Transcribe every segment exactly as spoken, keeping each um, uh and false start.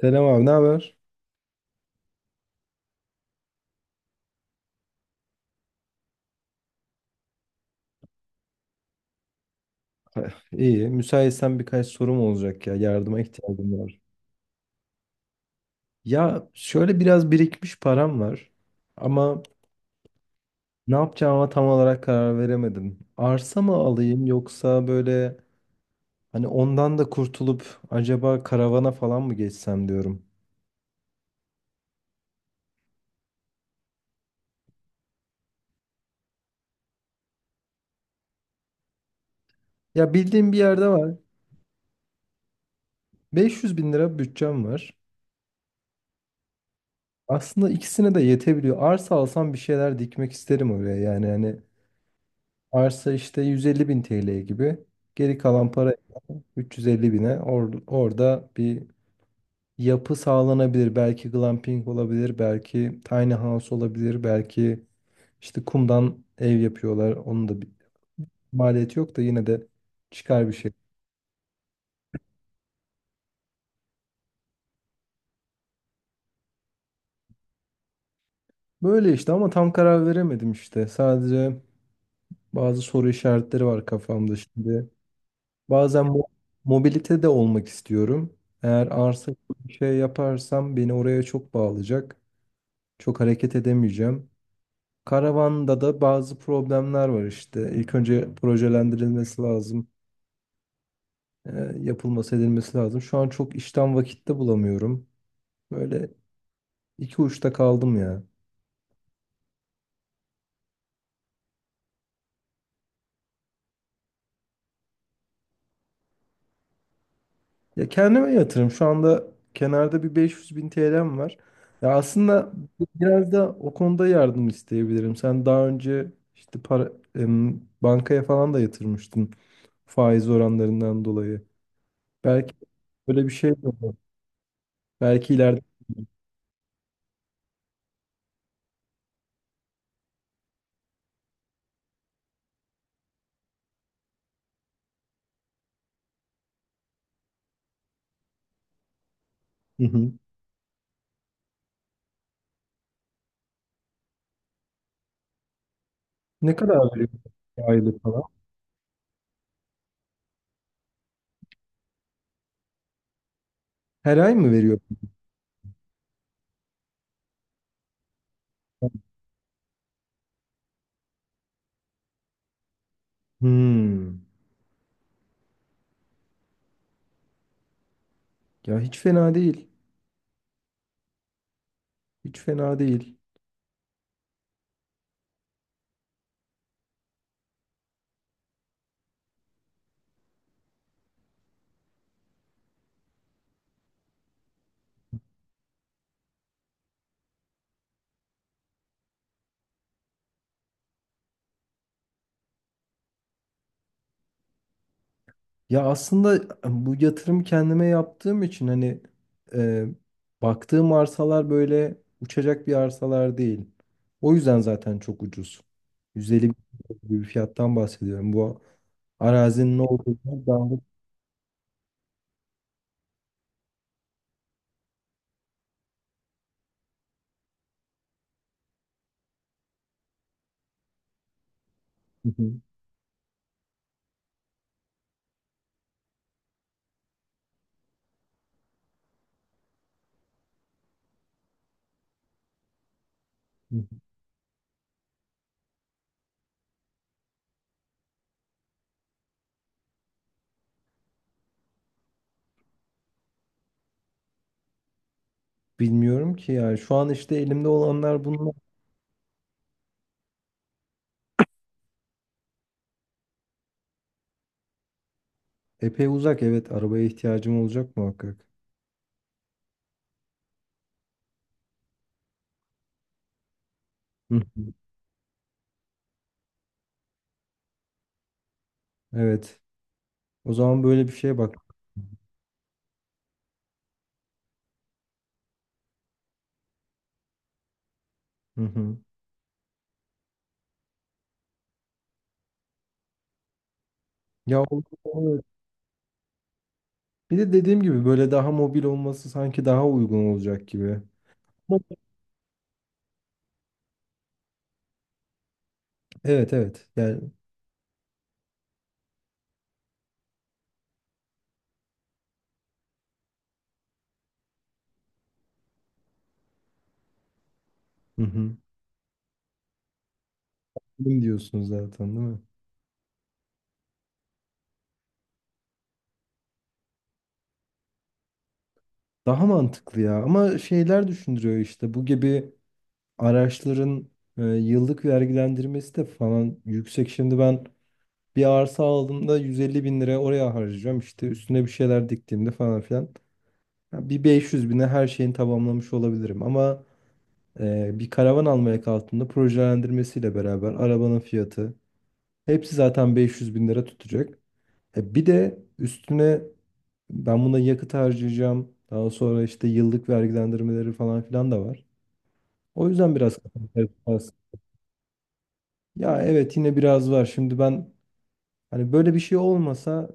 Selam abi, ne haber? Ha, İyi. Müsaitsen birkaç sorum olacak ya. Yardıma ihtiyacım var. Ya şöyle biraz birikmiş param var. Ama ne yapacağıma tam olarak karar veremedim. Arsa mı alayım, yoksa böyle hani ondan da kurtulup acaba karavana falan mı geçsem diyorum. Ya bildiğim bir yerde var. beş yüz bin lira bütçem var. Aslında ikisine de yetebiliyor. Arsa alsam bir şeyler dikmek isterim oraya. Yani hani arsa işte yüz elli bin T L gibi. Geri kalan para üç yüz elli bine or- orada bir yapı sağlanabilir. Belki glamping olabilir, belki tiny house olabilir, belki işte kumdan ev yapıyorlar. Onun da bir maliyeti yok da yine de çıkar bir şey. Böyle işte, ama tam karar veremedim işte. Sadece bazı soru işaretleri var kafamda şimdi. Bazen mo- mobilite de olmak istiyorum. Eğer arsa gibi bir şey yaparsam beni oraya çok bağlayacak. Çok hareket edemeyeceğim. Karavanda da bazı problemler var işte. İlk önce projelendirilmesi lazım. e, Yapılması, edilmesi lazım. Şu an çok işten vakitte bulamıyorum. Böyle iki uçta kaldım ya. Ya, kendime yatırım. Şu anda kenarda bir beş yüz bin T L'm var. Ya, aslında biraz da o konuda yardım isteyebilirim. Sen daha önce işte para, em, bankaya falan da yatırmıştın, faiz oranlarından dolayı. Belki böyle bir şey de olur. Belki ileride. Hı hı. Ne kadar veriyor aylık falan? Her ay mı veriyor? Hmm. Ya, hiç fena değil. Hiç fena değil. Ya aslında bu yatırım kendime yaptığım için hani, e, baktığım arsalar böyle uçacak bir arsalar değil. O yüzden zaten çok ucuz. yüz elli bin bir fiyattan bahsediyorum. Bu arazinin ne olduğunu daha hı. Hı hı. Bilmiyorum ki yani. Şu an işte elimde olanlar bunlar. Epey uzak, evet, arabaya ihtiyacım olacak muhakkak. Hı hı. Evet. O zaman böyle bir şeye bak. Hı hı. Ya, o- o- evet. Bir de dediğim gibi böyle daha mobil olması sanki daha uygun olacak gibi. Ama- Evet, evet. Yani hı hı. Benim diyorsunuz zaten, değil mi? Daha mantıklı ya. Ama şeyler düşündürüyor işte. Bu gibi araçların e, yıllık vergilendirmesi de falan yüksek. Şimdi ben bir arsa aldığımda yüz elli bin lira oraya harcayacağım. İşte üstüne bir şeyler diktiğimde falan filan. Ya, bir beş yüz bine her şeyini tamamlamış olabilirim. Ama Ee, bir karavan almaya kalktığında projelendirmesiyle beraber arabanın fiyatı, hepsi zaten beş yüz bin lira tutacak. E, bir de üstüne ben buna yakıt harcayacağım. Daha sonra işte yıllık vergilendirmeleri falan filan da var. O yüzden biraz kafam karıştı. Ya evet, yine biraz var. Şimdi ben hani böyle bir şey olmasa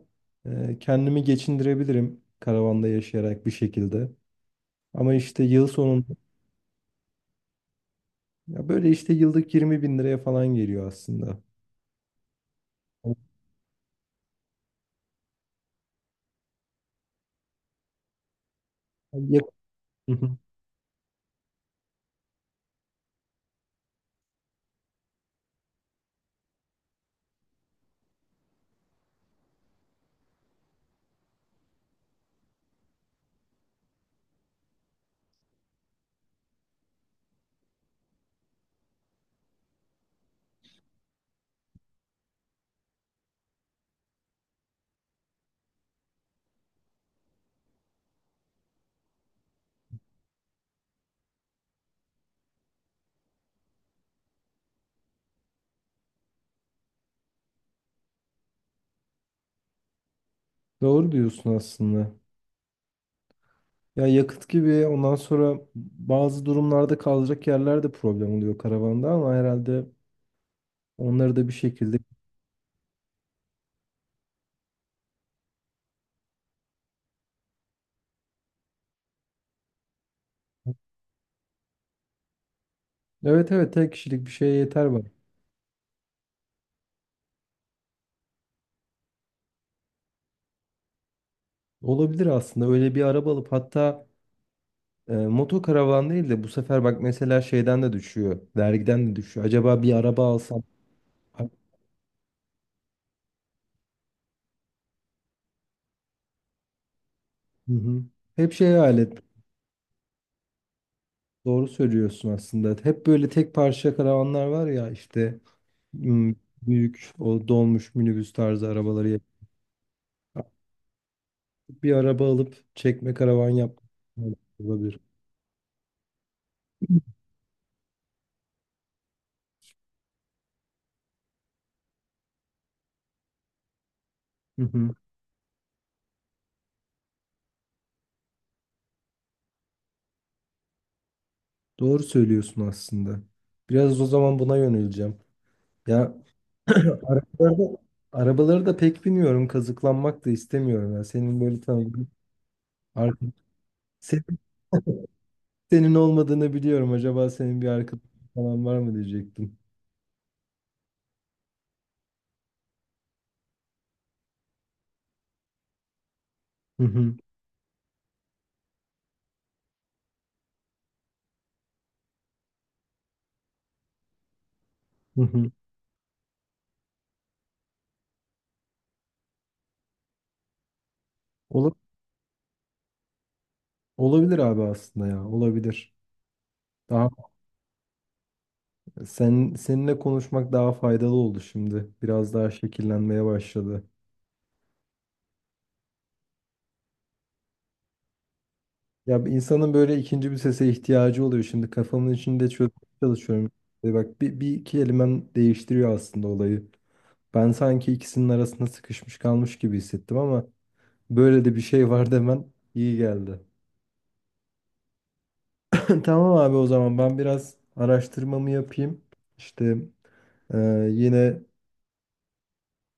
e, kendimi geçindirebilirim karavanda yaşayarak bir şekilde. Ama işte yıl sonunda ya böyle işte yıllık yirmi bin liraya falan geliyor aslında. Yakıt. Doğru diyorsun aslında. Ya yakıt gibi, ondan sonra bazı durumlarda kalacak yerler de problem oluyor karavanda, ama herhalde onları da bir şekilde. Evet evet, tek kişilik bir şeye yeter var. Olabilir aslında. Öyle bir araba alıp hatta e, moto karavan değil de bu sefer, bak mesela, şeyden de düşüyor. Vergiden de düşüyor. Acaba bir araba alsam? Hı hı. Hep şey hayal et. Doğru söylüyorsun aslında. Hep böyle tek parça karavanlar var ya işte, hmm, büyük o dolmuş minibüs tarzı arabaları. Bir araba alıp çekme karavan yapmak olabilir. Hı hı. Doğru söylüyorsun aslında. Biraz o zaman buna yöneleceğim. Ya, arabalarda, arabaları da pek biniyorum. Kazıklanmak da istemiyorum. Ya. Senin böyle tanıdığın arkadaş. Senin, senin olmadığını biliyorum. Acaba senin bir arkadaşın falan var mı diyecektim. Hı hı. Hı hı. Ola- olabilir abi aslında ya. Olabilir. Daha sen seninle konuşmak daha faydalı oldu şimdi. Biraz daha şekillenmeye başladı. Ya, insanın böyle ikinci bir sese ihtiyacı oluyor. Şimdi kafamın içinde çözmeye çalışıyorum. E bak, bir, bir iki kelimem değiştiriyor aslında olayı. Ben sanki ikisinin arasında sıkışmış kalmış gibi hissettim, ama böyle de bir şey var demen iyi geldi. Tamam abi, o zaman ben biraz araştırmamı yapayım. İşte e, yine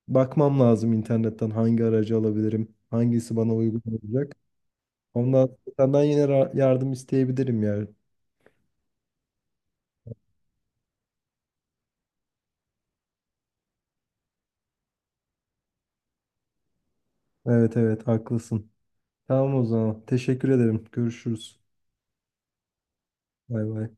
bakmam lazım internetten hangi aracı alabilirim, hangisi bana uygun olacak. Ondan senden yine ra- yardım isteyebilirim yani. Evet evet, haklısın. Tamam o zaman. Teşekkür ederim. Görüşürüz. Bay bay.